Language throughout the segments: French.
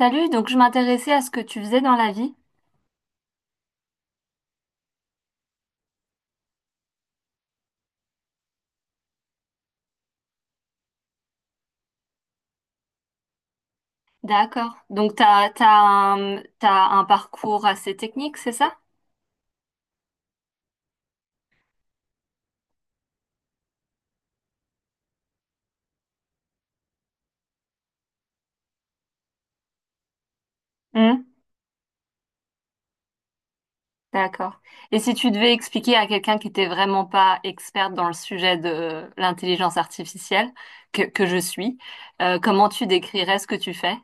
Salut, donc je m'intéressais à ce que tu faisais dans la vie. D'accord. Donc t'as un parcours assez technique, c'est ça? Hmm. D'accord. Et si tu devais expliquer à quelqu'un qui n'était vraiment pas experte dans le sujet de l'intelligence artificielle, que je suis, comment tu décrirais ce que tu fais?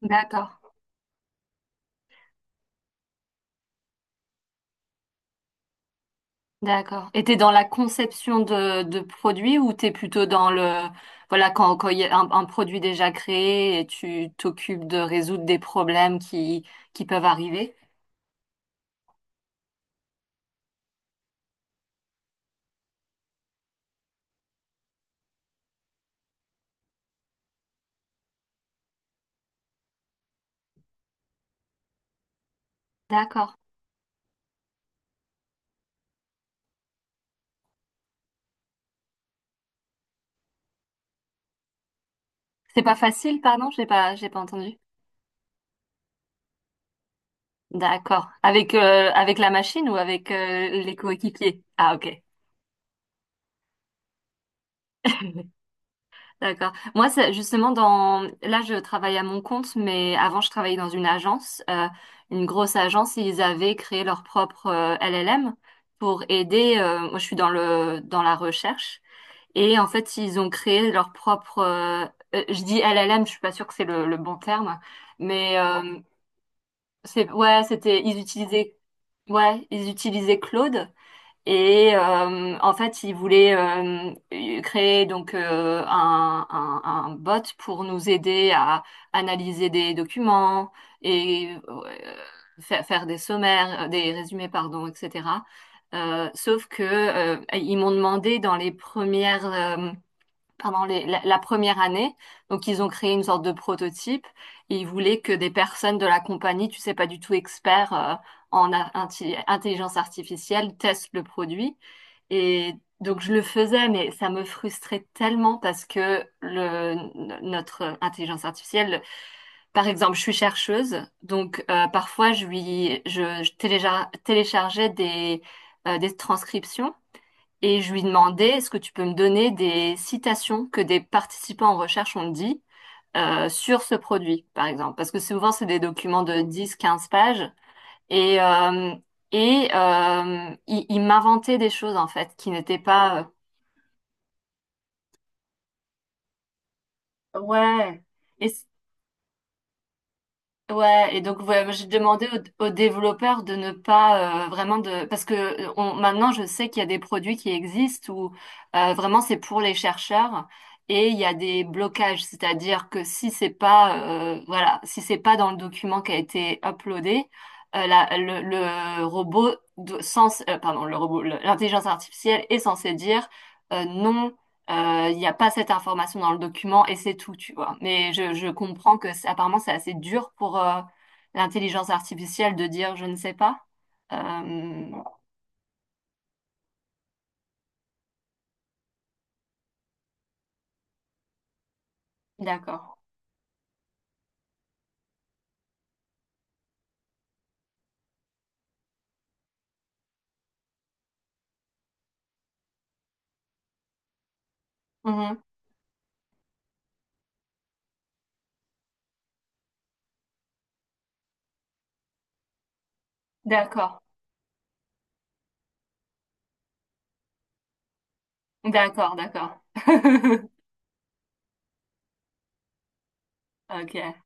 D'accord. D'accord. Et t'es dans la conception de produits ou t'es plutôt dans le, voilà, quand il y a un produit déjà créé et tu t'occupes de résoudre des problèmes qui peuvent arriver? D'accord. C'est pas facile, pardon, j'ai pas entendu. D'accord. Avec la machine ou avec, les coéquipiers? Ah, ok. D'accord. Moi, c'est justement Là, je travaille à mon compte, mais avant, je travaillais dans une agence, une grosse agence. Ils avaient créé leur propre LLM pour aider. Moi, je suis dans la recherche. Et en fait, ils ont créé leur propre. Je dis LLM, je suis pas sûre que c'est le bon terme, mais c'est ouais, c'était ils utilisaient ouais, ils utilisaient Claude et en fait, ils voulaient créer donc un bot pour nous aider à analyser des documents et faire des sommaires, des résumés, pardon, etc. Sauf que ils m'ont demandé dans les premières pendant la première année. Donc, ils ont créé une sorte de prototype et ils voulaient que des personnes de la compagnie, tu sais, pas du tout experts intelligence artificielle, testent le produit. Et donc, je le faisais, mais ça me frustrait tellement parce que notre intelligence artificielle, par exemple, je suis chercheuse, donc parfois, je, lui, je téléchargeais des transcriptions. Et je lui demandais, est-ce que tu peux me donner des citations que des participants en recherche ont dit sur ce produit, par exemple? Parce que souvent, c'est des documents de 10, 15 pages. Et, il m'inventait des choses, en fait, qui n'étaient pas... ouais. Et Ouais, et donc ouais, moi, j'ai demandé aux développeurs de ne pas vraiment de parce que maintenant je sais qu'il y a des produits qui existent où vraiment c'est pour les chercheurs et il y a des blocages, c'est-à-dire que si c'est pas voilà, si c'est pas dans le document qui a été uploadé, le robot do- sans pardon, l'intelligence artificielle est censée dire non, il n'y a pas cette information dans le document et c'est tout, tu vois. Mais je comprends que apparemment c'est assez dur pour l'intelligence artificielle de dire je ne sais pas. Euh, d'accord. Mhm. D'accord. D'accord, d'accord. Ok.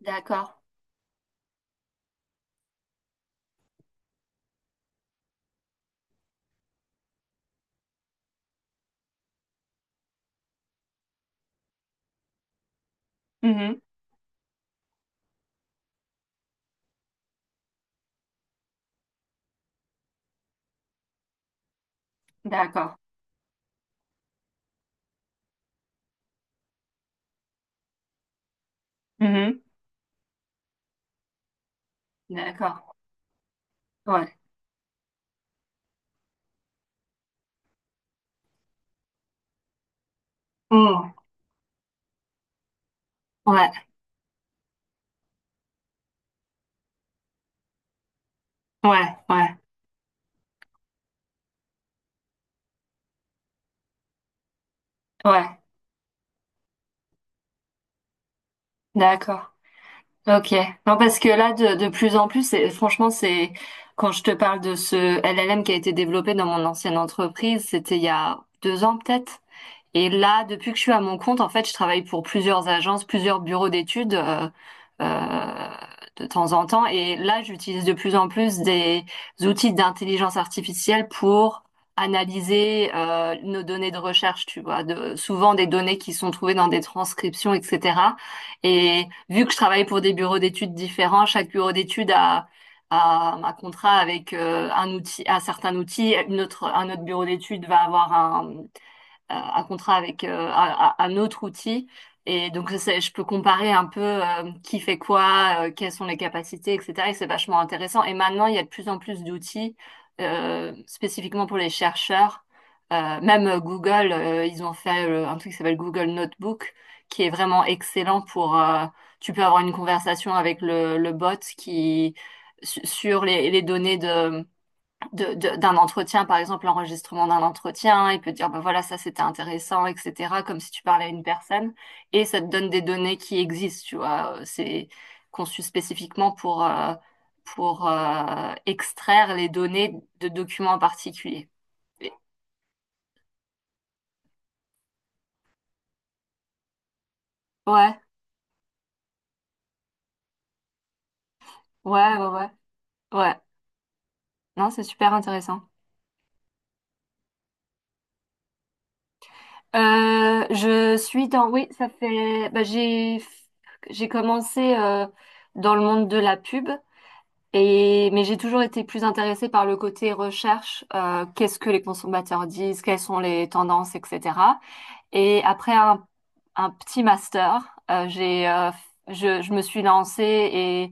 D'accord. Mhm. D'accord. Mhm. D'accord. Ouais. Mhm. Ouais. Ouais. Ouais. Ouais. D'accord. Ok. Non, parce que là, de plus en plus, c'est, franchement, c'est quand je te parle de ce LLM qui a été développé dans mon ancienne entreprise, c'était il y a 2 ans peut-être. Et là, depuis que je suis à mon compte, en fait, je travaille pour plusieurs agences, plusieurs bureaux d'études euh, de temps en temps. Et là, j'utilise de plus en plus des outils d'intelligence artificielle pour analyser nos données de recherche, tu vois, souvent des données qui sont trouvées dans des transcriptions, etc. Et vu que je travaille pour des bureaux d'études différents, chaque bureau d'études a à un contrat avec un outil, un certain outil, un autre bureau d'études va avoir à contrat avec un autre outil. Et donc, je peux comparer un peu qui fait quoi, quelles sont les capacités, etc. Et c'est vachement intéressant. Et maintenant, il y a de plus en plus d'outils spécifiquement pour les chercheurs. Même Google, ils ont fait un truc qui s'appelle Google Notebook, qui est vraiment excellent Tu peux avoir une conversation avec le bot qui, sur les données d'un entretien, par exemple, l'enregistrement d'un entretien, il peut dire, ben voilà, ça c'était intéressant, etc., comme si tu parlais à une personne, et ça te donne des données qui existent, tu vois, c'est conçu spécifiquement pour extraire les données de documents en particulier. Et- Ouais, ouais, ouais, ouais, ouais, non, c'est super intéressant. Je suis dans, oui, ça fait, bah, j'ai commencé dans le monde de la pub. Mais j'ai toujours été plus intéressée par le côté recherche, qu'est-ce que les consommateurs disent, quelles sont les tendances, etc. Et après un petit master, euh, j'ai, euh, je me suis lancée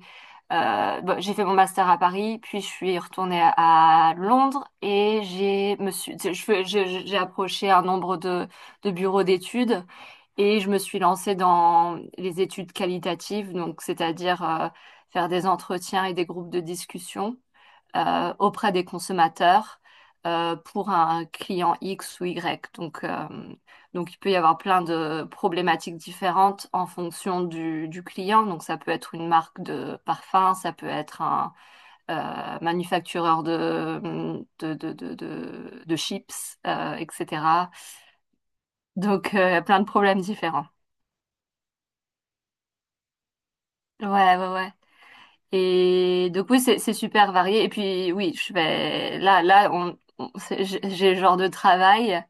bon, j'ai fait mon master à Paris, puis je suis retournée à Londres et j'ai me suis, je fais- je- j'ai approché un nombre de bureaux d'études et je me suis lancée dans les études qualitatives, donc c'est-à-dire faire des entretiens et des groupes de discussion auprès des consommateurs pour un client X ou Y. Donc, il peut y avoir plein de problématiques différentes en fonction du client. Donc ça peut être une marque de parfum, ça peut être un manufactureur de chips, etc. Donc plein de problèmes différents. Ouais, ouais, ouais. Et donc oui, c'est super varié. Et puis oui, je vais là, j'ai le genre de travail.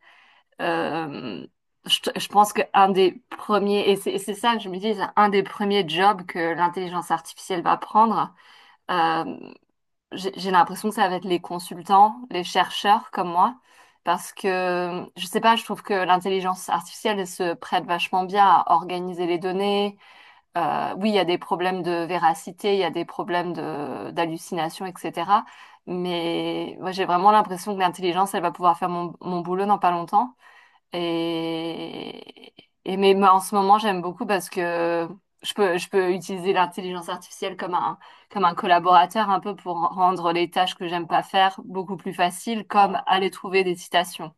Euh, je pense qu'un des premiers, et c'est ça que je me dis, c'est un des premiers jobs que l'intelligence artificielle va prendre. Euh, j'ai l'impression que ça va être les consultants, les chercheurs comme moi, parce que, je sais pas, je trouve que l'intelligence artificielle elle se prête vachement bien à organiser les données. Oui, il y a des problèmes de véracité, il y a des problèmes d'hallucination, etc. Mais moi, j'ai vraiment l'impression que l'intelligence, elle va pouvoir faire mon boulot dans pas longtemps. Et, mais moi, en ce moment, j'aime beaucoup parce que je peux utiliser l'intelligence artificielle comme un collaborateur un peu pour rendre les tâches que j'aime pas faire beaucoup plus faciles, comme aller trouver des citations.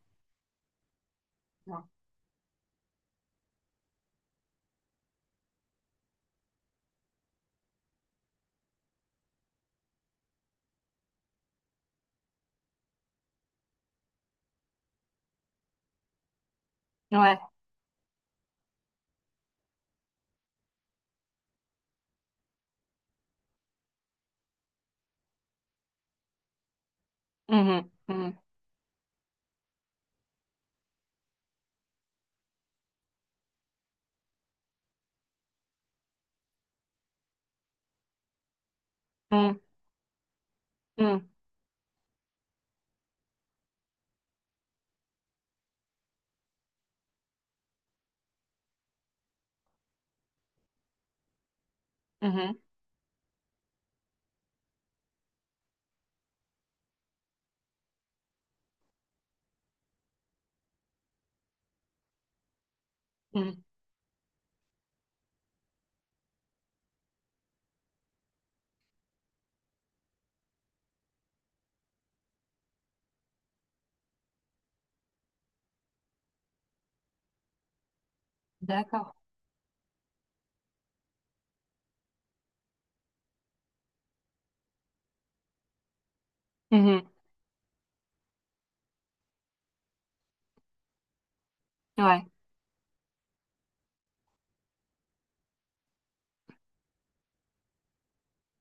Ouais. Mhm. Mhm. Mhm. Mhm. Mhm. Mhm. D'accord. Mhm. Ouais.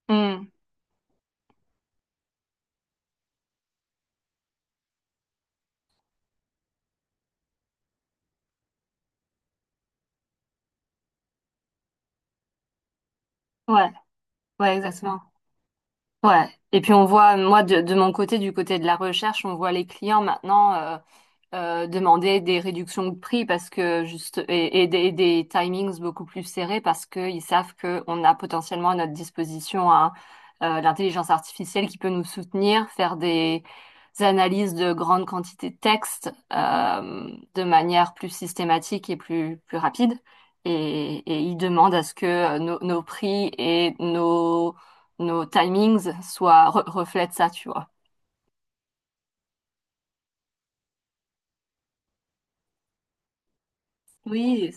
Mhm. Ouais. Ouais, exactement. Ouais. Et puis on voit, moi, de mon côté, du côté de la recherche, on voit les clients maintenant, demander des réductions de prix parce que juste et des timings beaucoup plus serrés parce qu'ils savent qu'on a potentiellement à notre disposition hein, l'intelligence artificielle qui peut nous soutenir, faire des analyses de grandes quantités de textes de manière plus systématique et plus rapide. Et ils demandent à ce que nos prix et nos timings soient reflètent ça, tu vois. Oui,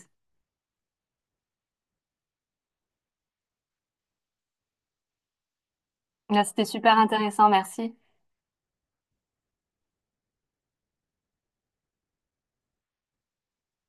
là, c'était super intéressant, merci.